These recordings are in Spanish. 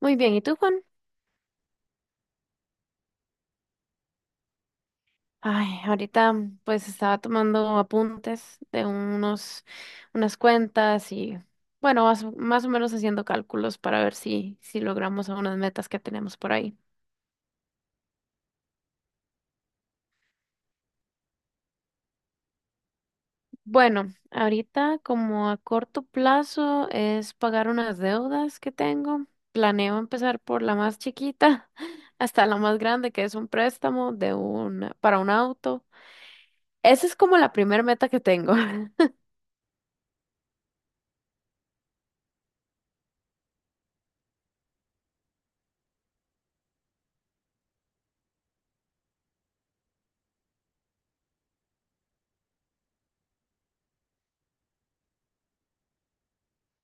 Muy bien, ¿y tú, Juan? Ay, ahorita pues estaba tomando apuntes de unas cuentas y bueno, más o menos haciendo cálculos para ver si logramos algunas metas que tenemos por ahí. Bueno, ahorita como a corto plazo es pagar unas deudas que tengo. Planeo empezar por la más chiquita hasta la más grande, que es un préstamo para un auto. Esa es como la primera meta que tengo.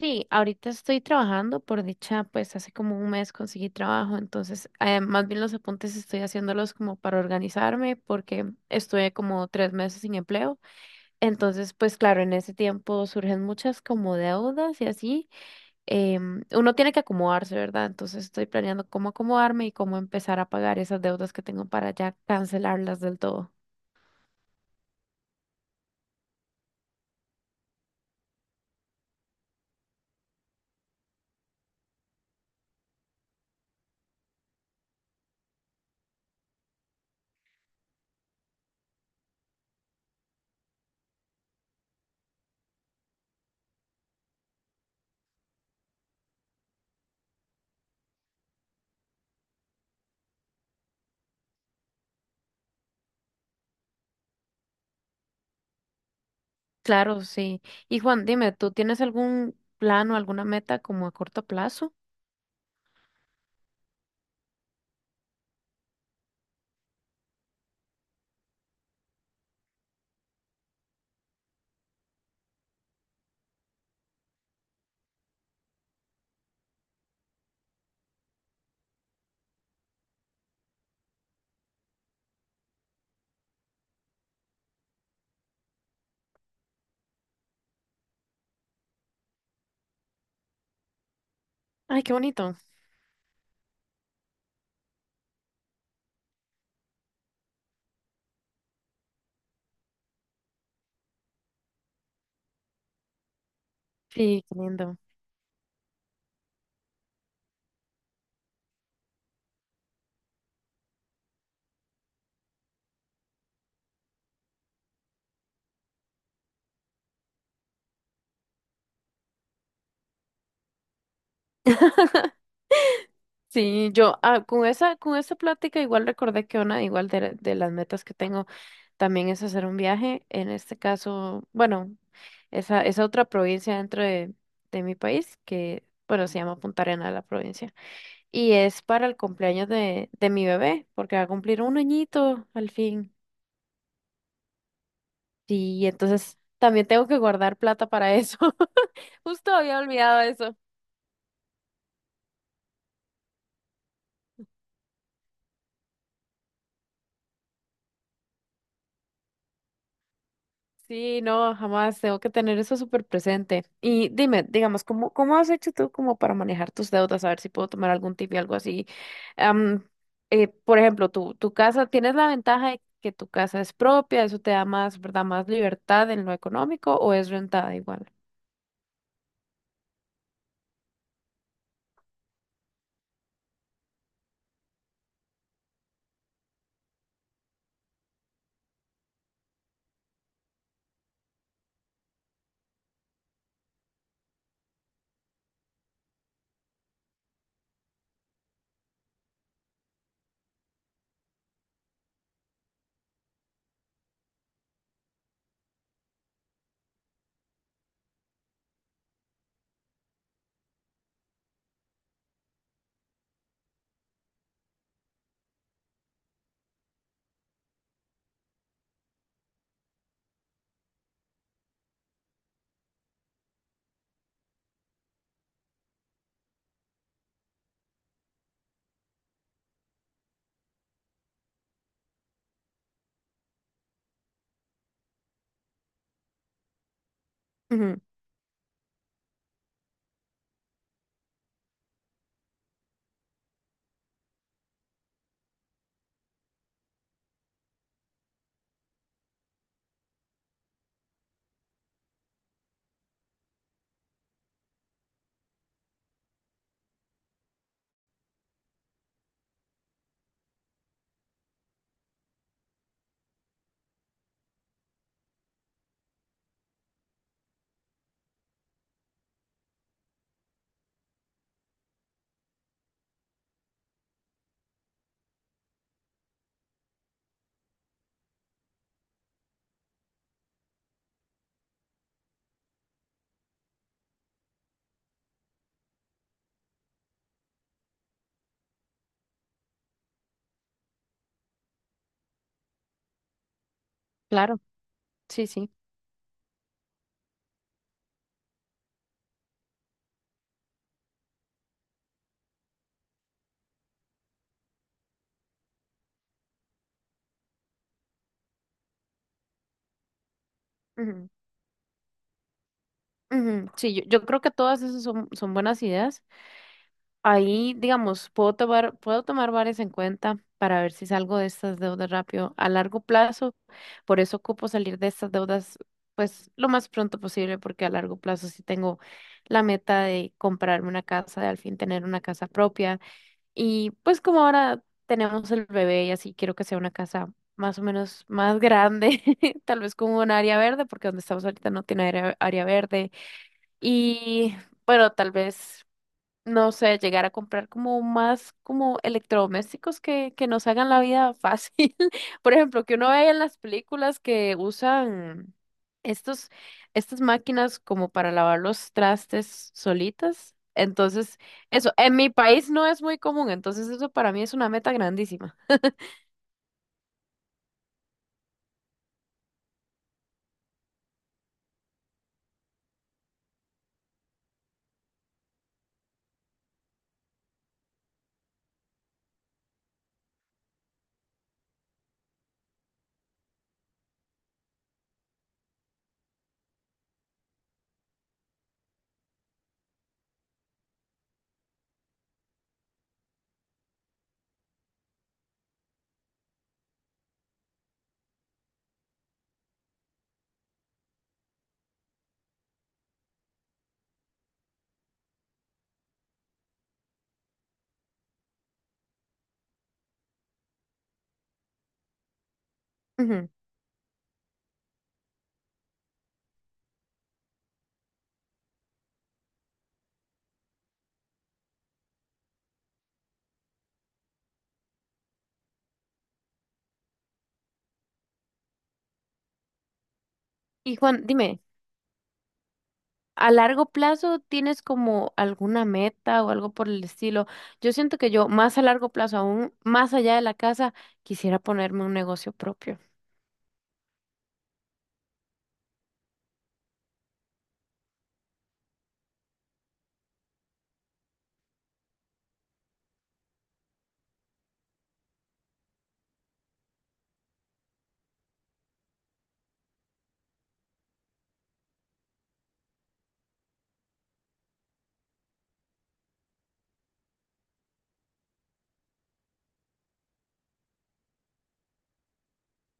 Sí, ahorita estoy trabajando, por dicha, pues hace como un mes conseguí trabajo, entonces más bien los apuntes estoy haciéndolos como para organizarme porque estuve como tres meses sin empleo, entonces pues claro, en ese tiempo surgen muchas como deudas y así, uno tiene que acomodarse, ¿verdad? Entonces estoy planeando cómo acomodarme y cómo empezar a pagar esas deudas que tengo para ya cancelarlas del todo. Claro, sí. Y Juan, dime, ¿tú tienes algún plan o alguna meta como a corto plazo? Ay, qué bonito. Sí, qué lindo. Sí, yo, con esa plática igual recordé que una igual de las metas que tengo también es hacer un viaje. En este caso, bueno, esa otra provincia dentro de mi país que, bueno, se llama Punta Arenas la provincia. Y es para el cumpleaños de mi bebé, porque va a cumplir un añito al fin. Sí, entonces también tengo que guardar plata para eso. Justo había olvidado eso. Sí, no, jamás tengo que tener eso súper presente. Y dime, digamos, ¿cómo has hecho tú como para manejar tus deudas? A ver si puedo tomar algún tip y algo así. Am, por ejemplo, tu casa, ¿tienes la ventaja de que tu casa es propia? ¿Eso te da más, verdad, más libertad en lo económico o es rentada igual? Ujú, claro, sí, sí. Ujú, ujú. Sí, yo creo que todas esas son buenas ideas. Ahí, digamos, puedo tomar varias en cuenta para ver si salgo de estas deudas rápido a largo plazo. Por eso ocupo salir de estas deudas, pues, lo más pronto posible, porque a largo plazo sí tengo la meta de comprarme una casa, de al fin tener una casa propia. Y pues como ahora tenemos el bebé y así quiero que sea una casa más o menos más grande, tal vez con un área verde, porque donde estamos ahorita no tiene área verde. Y bueno, tal vez no sé, llegar a comprar como más como electrodomésticos que nos hagan la vida fácil. Por ejemplo, que uno vea en las películas que usan estos, estas máquinas como para lavar los trastes solitas. Entonces, eso, en mi país no es muy común, entonces eso para mí es una meta grandísima. Ujú. Y Juan, dime. A largo plazo tienes como alguna meta o algo por el estilo. Yo siento que yo más a largo plazo, aún más allá de la casa, quisiera ponerme un negocio propio.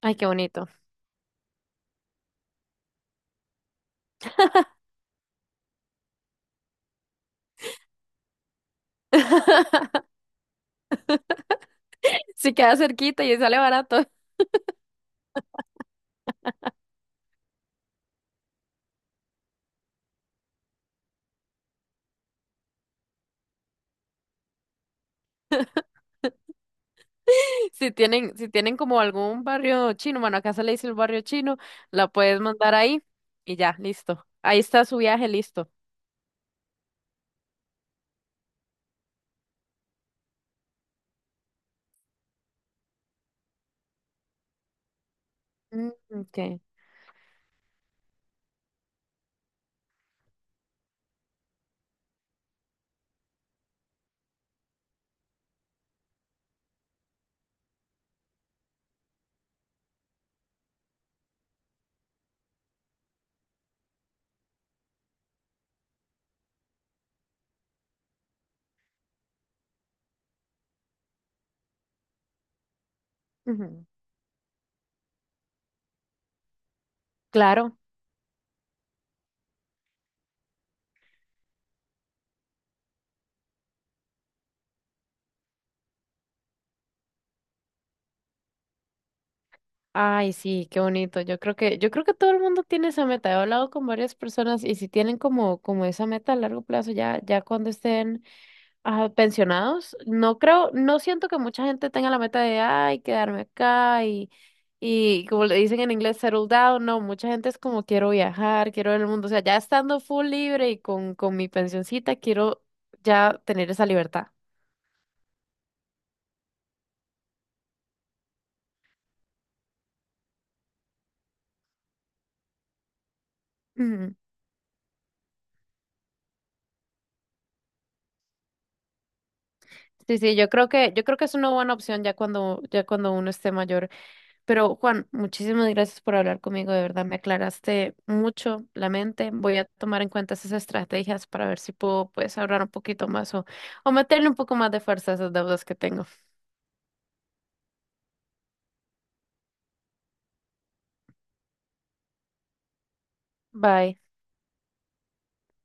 Ay, qué bonito. Si queda cerquita y sale barato. Si tienen como algún barrio chino, bueno, acá se le dice el barrio chino, la puedes mandar ahí y ya, listo. Ahí está su viaje, listo. Mm, ok. Ujú. Claro. Ay, sí, qué bonito. Yo creo que todo el mundo tiene esa meta. He hablado con varias personas y si tienen como esa meta a largo plazo, ya cuando estén pensionados, no creo, no siento que mucha gente tenga la meta de, ay, quedarme acá y como le dicen en inglés, settle down. No, mucha gente es como quiero viajar, quiero ver el mundo. O sea, ya estando full libre y con mi pensioncita, quiero ya tener esa libertad. Ujú. Sí, sí, yo creo que es una buena opción ya cuando uno esté mayor. Pero Juan, muchísimas gracias por hablar conmigo, de verdad me aclaraste mucho la mente. Voy a tomar en cuenta esas estrategias para ver si puedo pues ahorrar un poquito más o meterle un poco más de fuerza a esas deudas que tengo. Bye.